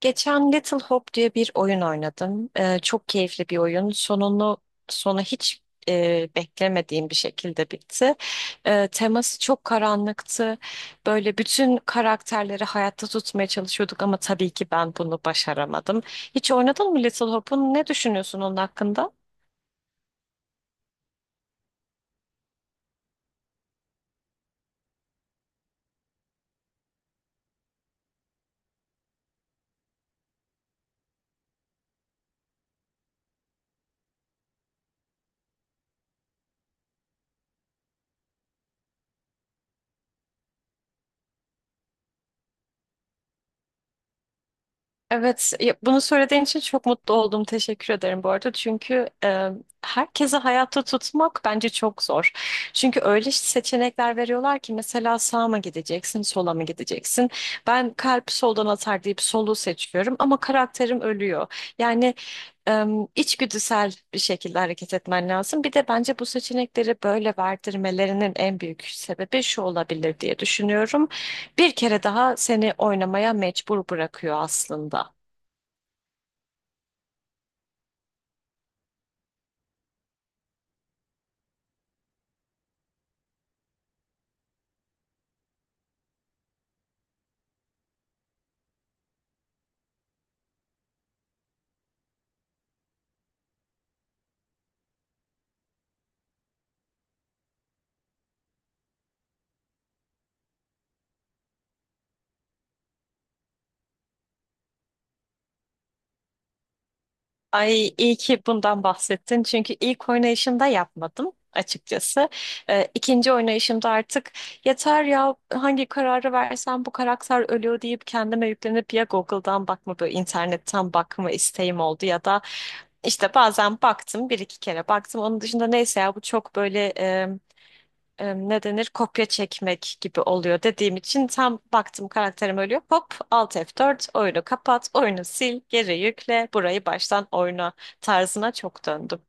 Geçen Little Hope diye bir oyun oynadım. Çok keyifli bir oyun. Sonu hiç beklemediğim bir şekilde bitti. Teması çok karanlıktı. Böyle bütün karakterleri hayatta tutmaya çalışıyorduk ama tabii ki ben bunu başaramadım. Hiç oynadın mı Little Hope'un? Ne düşünüyorsun onun hakkında? Evet, bunu söylediğin için çok mutlu oldum. Teşekkür ederim bu arada. Çünkü herkese hayatta tutmak bence çok zor. Çünkü öyle seçenekler veriyorlar ki mesela sağa mı gideceksin, sola mı gideceksin? Ben kalp soldan atar deyip solu seçiyorum ama karakterim ölüyor. Yani e, içgüdüsel bir şekilde hareket etmen lazım. Bir de bence bu seçenekleri böyle verdirmelerinin en büyük sebebi şu olabilir diye düşünüyorum. Bir kere daha seni oynamaya mecbur bırakıyor aslında. Ay iyi ki bundan bahsettin. Çünkü ilk oynayışımda yapmadım açıkçası. İkinci oynayışımda artık yeter ya hangi kararı versem bu karakter ölüyor deyip kendime yüklenip ya Google'dan bakma böyle internetten bakma isteğim oldu ya da işte bazen baktım, bir iki kere baktım. Onun dışında neyse ya bu çok böyle ne denir kopya çekmek gibi oluyor dediğim için tam baktım karakterim ölüyor. Hop Alt f dört oyunu kapat, oyunu sil, geri yükle, burayı baştan oyna tarzına çok döndüm.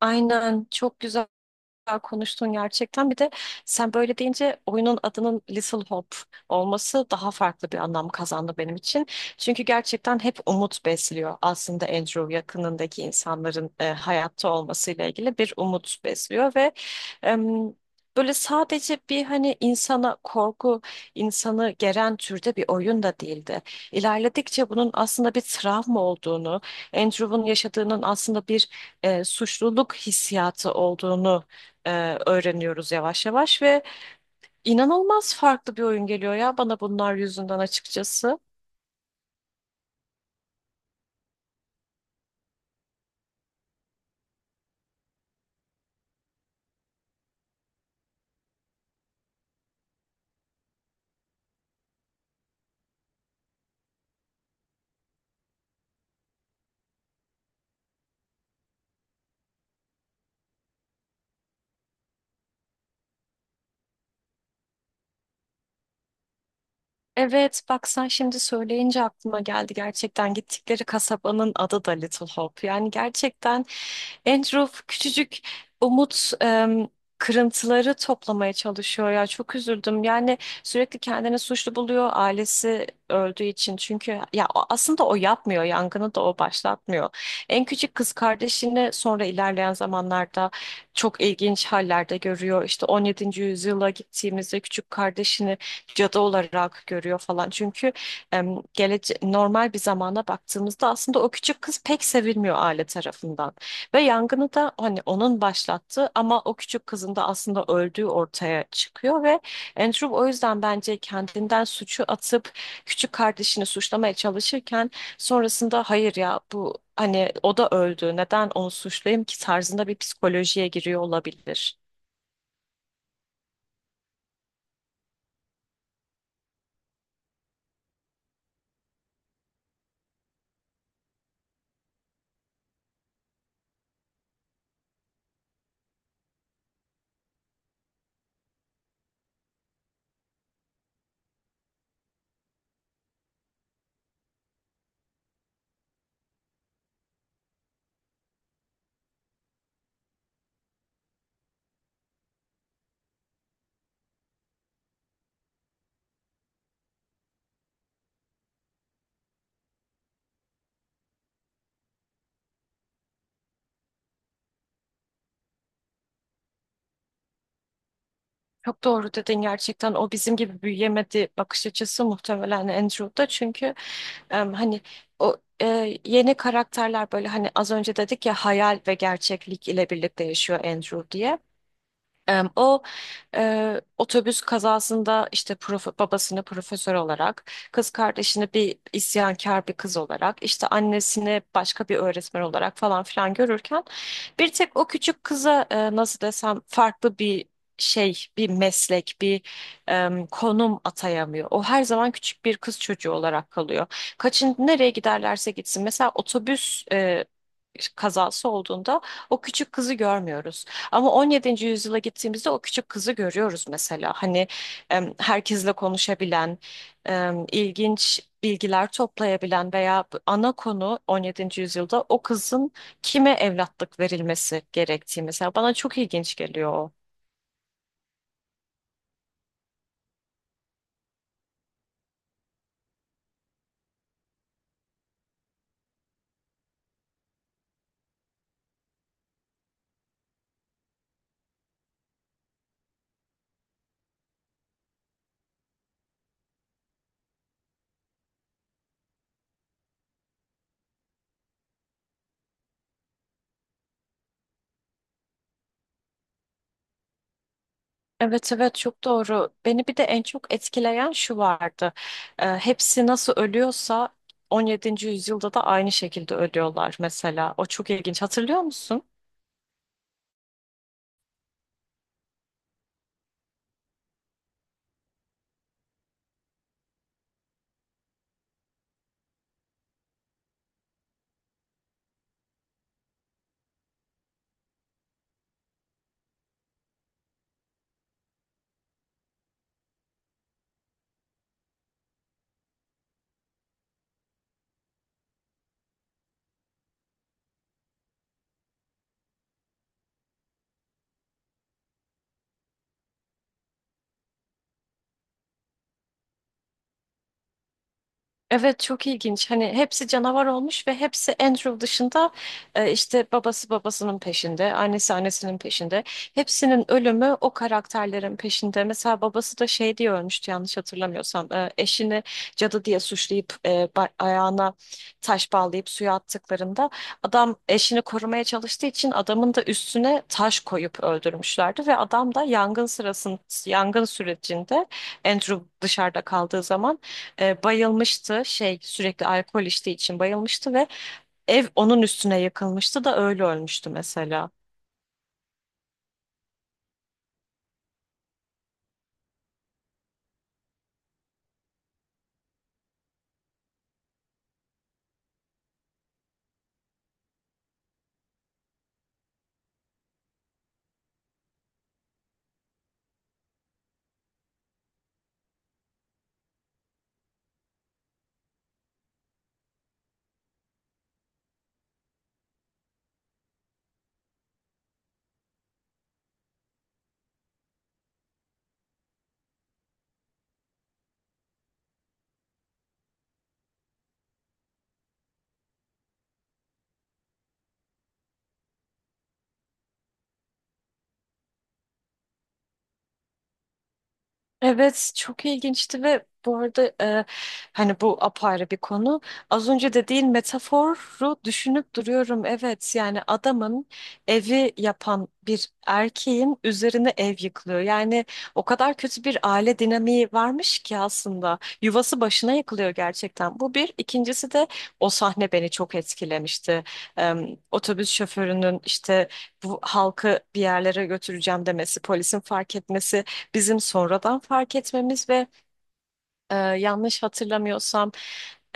Aynen, çok güzel. Güzel konuştun gerçekten. Bir de sen böyle deyince oyunun adının Little Hope olması daha farklı bir anlam kazandı benim için. Çünkü gerçekten hep umut besliyor. Aslında Andrew yakınındaki insanların hayatta olmasıyla ilgili bir umut besliyor ve em, böyle sadece bir hani insana korku, insanı geren türde bir oyun da değildi. İlerledikçe bunun aslında bir travma olduğunu, Andrew'un yaşadığının aslında bir suçluluk hissiyatı olduğunu e, öğreniyoruz yavaş yavaş ve inanılmaz farklı bir oyun geliyor ya bana bunlar yüzünden açıkçası. Evet, bak sen şimdi söyleyince aklıma geldi, gerçekten gittikleri kasabanın adı da Little Hope. Yani gerçekten Andrew küçücük umut kırıntıları toplamaya çalışıyor ya, çok üzüldüm. Yani sürekli kendini suçlu buluyor ailesi öldüğü için. Çünkü ya aslında o yapmıyor, yangını da o başlatmıyor. En küçük kız kardeşini sonra ilerleyen zamanlarda çok ilginç hallerde görüyor. İşte 17. yüzyıla gittiğimizde küçük kardeşini cadı olarak görüyor falan. Çünkü em, gelece normal bir zamana baktığımızda aslında o küçük kız pek sevilmiyor aile tarafından. Ve yangını da hani onun başlattığı ama o küçük kızın da aslında öldüğü ortaya çıkıyor ve Andrew o yüzden bence kendinden suçu atıp küçük kardeşini suçlamaya çalışırken sonrasında hayır ya bu hani o da öldü, neden onu suçlayayım ki tarzında bir psikolojiye giriyor olabilir. Çok doğru dedin, gerçekten o bizim gibi büyüyemedi bakış açısı muhtemelen Andrew'da çünkü hani o yeni karakterler, böyle hani az önce dedik ya hayal ve gerçeklik ile birlikte yaşıyor Andrew diye. O otobüs kazasında işte babasını profesör olarak, kız kardeşini bir isyankar bir kız olarak, işte annesini başka bir öğretmen olarak falan filan görürken bir tek o küçük kıza nasıl desem farklı bir şey, bir meslek, bir konum atayamıyor. O her zaman küçük bir kız çocuğu olarak kalıyor. Kaçın nereye giderlerse gitsin. Mesela otobüs kazası olduğunda o küçük kızı görmüyoruz. Ama 17. yüzyıla gittiğimizde o küçük kızı görüyoruz mesela. Hani herkesle konuşabilen, ilginç bilgiler toplayabilen veya bu ana konu 17. yüzyılda o kızın kime evlatlık verilmesi gerektiği, mesela bana çok ilginç geliyor o. Evet, evet, çok doğru. Beni bir de en çok etkileyen şu vardı. Hepsi nasıl ölüyorsa 17. yüzyılda da aynı şekilde ölüyorlar mesela. O çok ilginç. Hatırlıyor musun? Evet, çok ilginç. Hani hepsi canavar olmuş ve hepsi Andrew dışında işte babası babasının peşinde, annesi annesinin peşinde. Hepsinin ölümü o karakterlerin peşinde. Mesela babası da şey diye ölmüştü yanlış hatırlamıyorsam. Eşini cadı diye suçlayıp ayağına taş bağlayıp suya attıklarında adam eşini korumaya çalıştığı için adamın da üstüne taş koyup öldürmüşlerdi ve adam da yangın sürecinde Andrew dışarıda kaldığı zaman bayılmıştı. Şey, sürekli alkol içtiği için bayılmıştı ve ev onun üstüne yıkılmıştı da öyle ölmüştü mesela. Evet, çok ilginçti ve bu arada hani bu apayrı bir konu. Az önce dediğin metaforu düşünüp duruyorum. Evet, yani adamın evi yapan bir erkeğin üzerine ev yıkılıyor. Yani o kadar kötü bir aile dinamiği varmış ki aslında yuvası başına yıkılıyor gerçekten. Bu bir. İkincisi de o sahne beni çok etkilemişti. Otobüs şoförünün işte bu halkı bir yerlere götüreceğim demesi, polisin fark etmesi, bizim sonradan fark etmemiz ve yanlış hatırlamıyorsam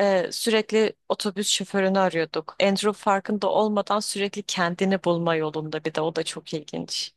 sürekli otobüs şoförünü arıyorduk. Andrew farkında olmadan sürekli kendini bulma yolunda, bir de o da çok ilginç.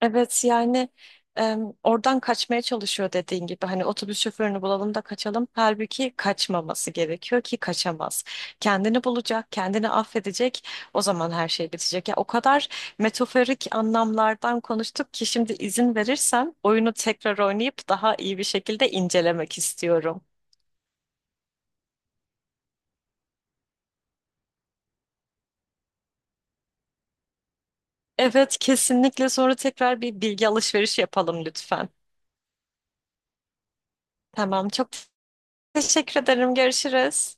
Evet yani oradan kaçmaya çalışıyor dediğin gibi hani otobüs şoförünü bulalım da kaçalım. Halbuki kaçmaması gerekiyor ki kaçamaz. Kendini bulacak, kendini affedecek. O zaman her şey bitecek. Ya o kadar metaforik anlamlardan konuştuk ki şimdi izin verirsen oyunu tekrar oynayıp daha iyi bir şekilde incelemek istiyorum. Evet kesinlikle, sonra tekrar bir bilgi alışverişi yapalım lütfen. Tamam, çok teşekkür ederim. Görüşürüz.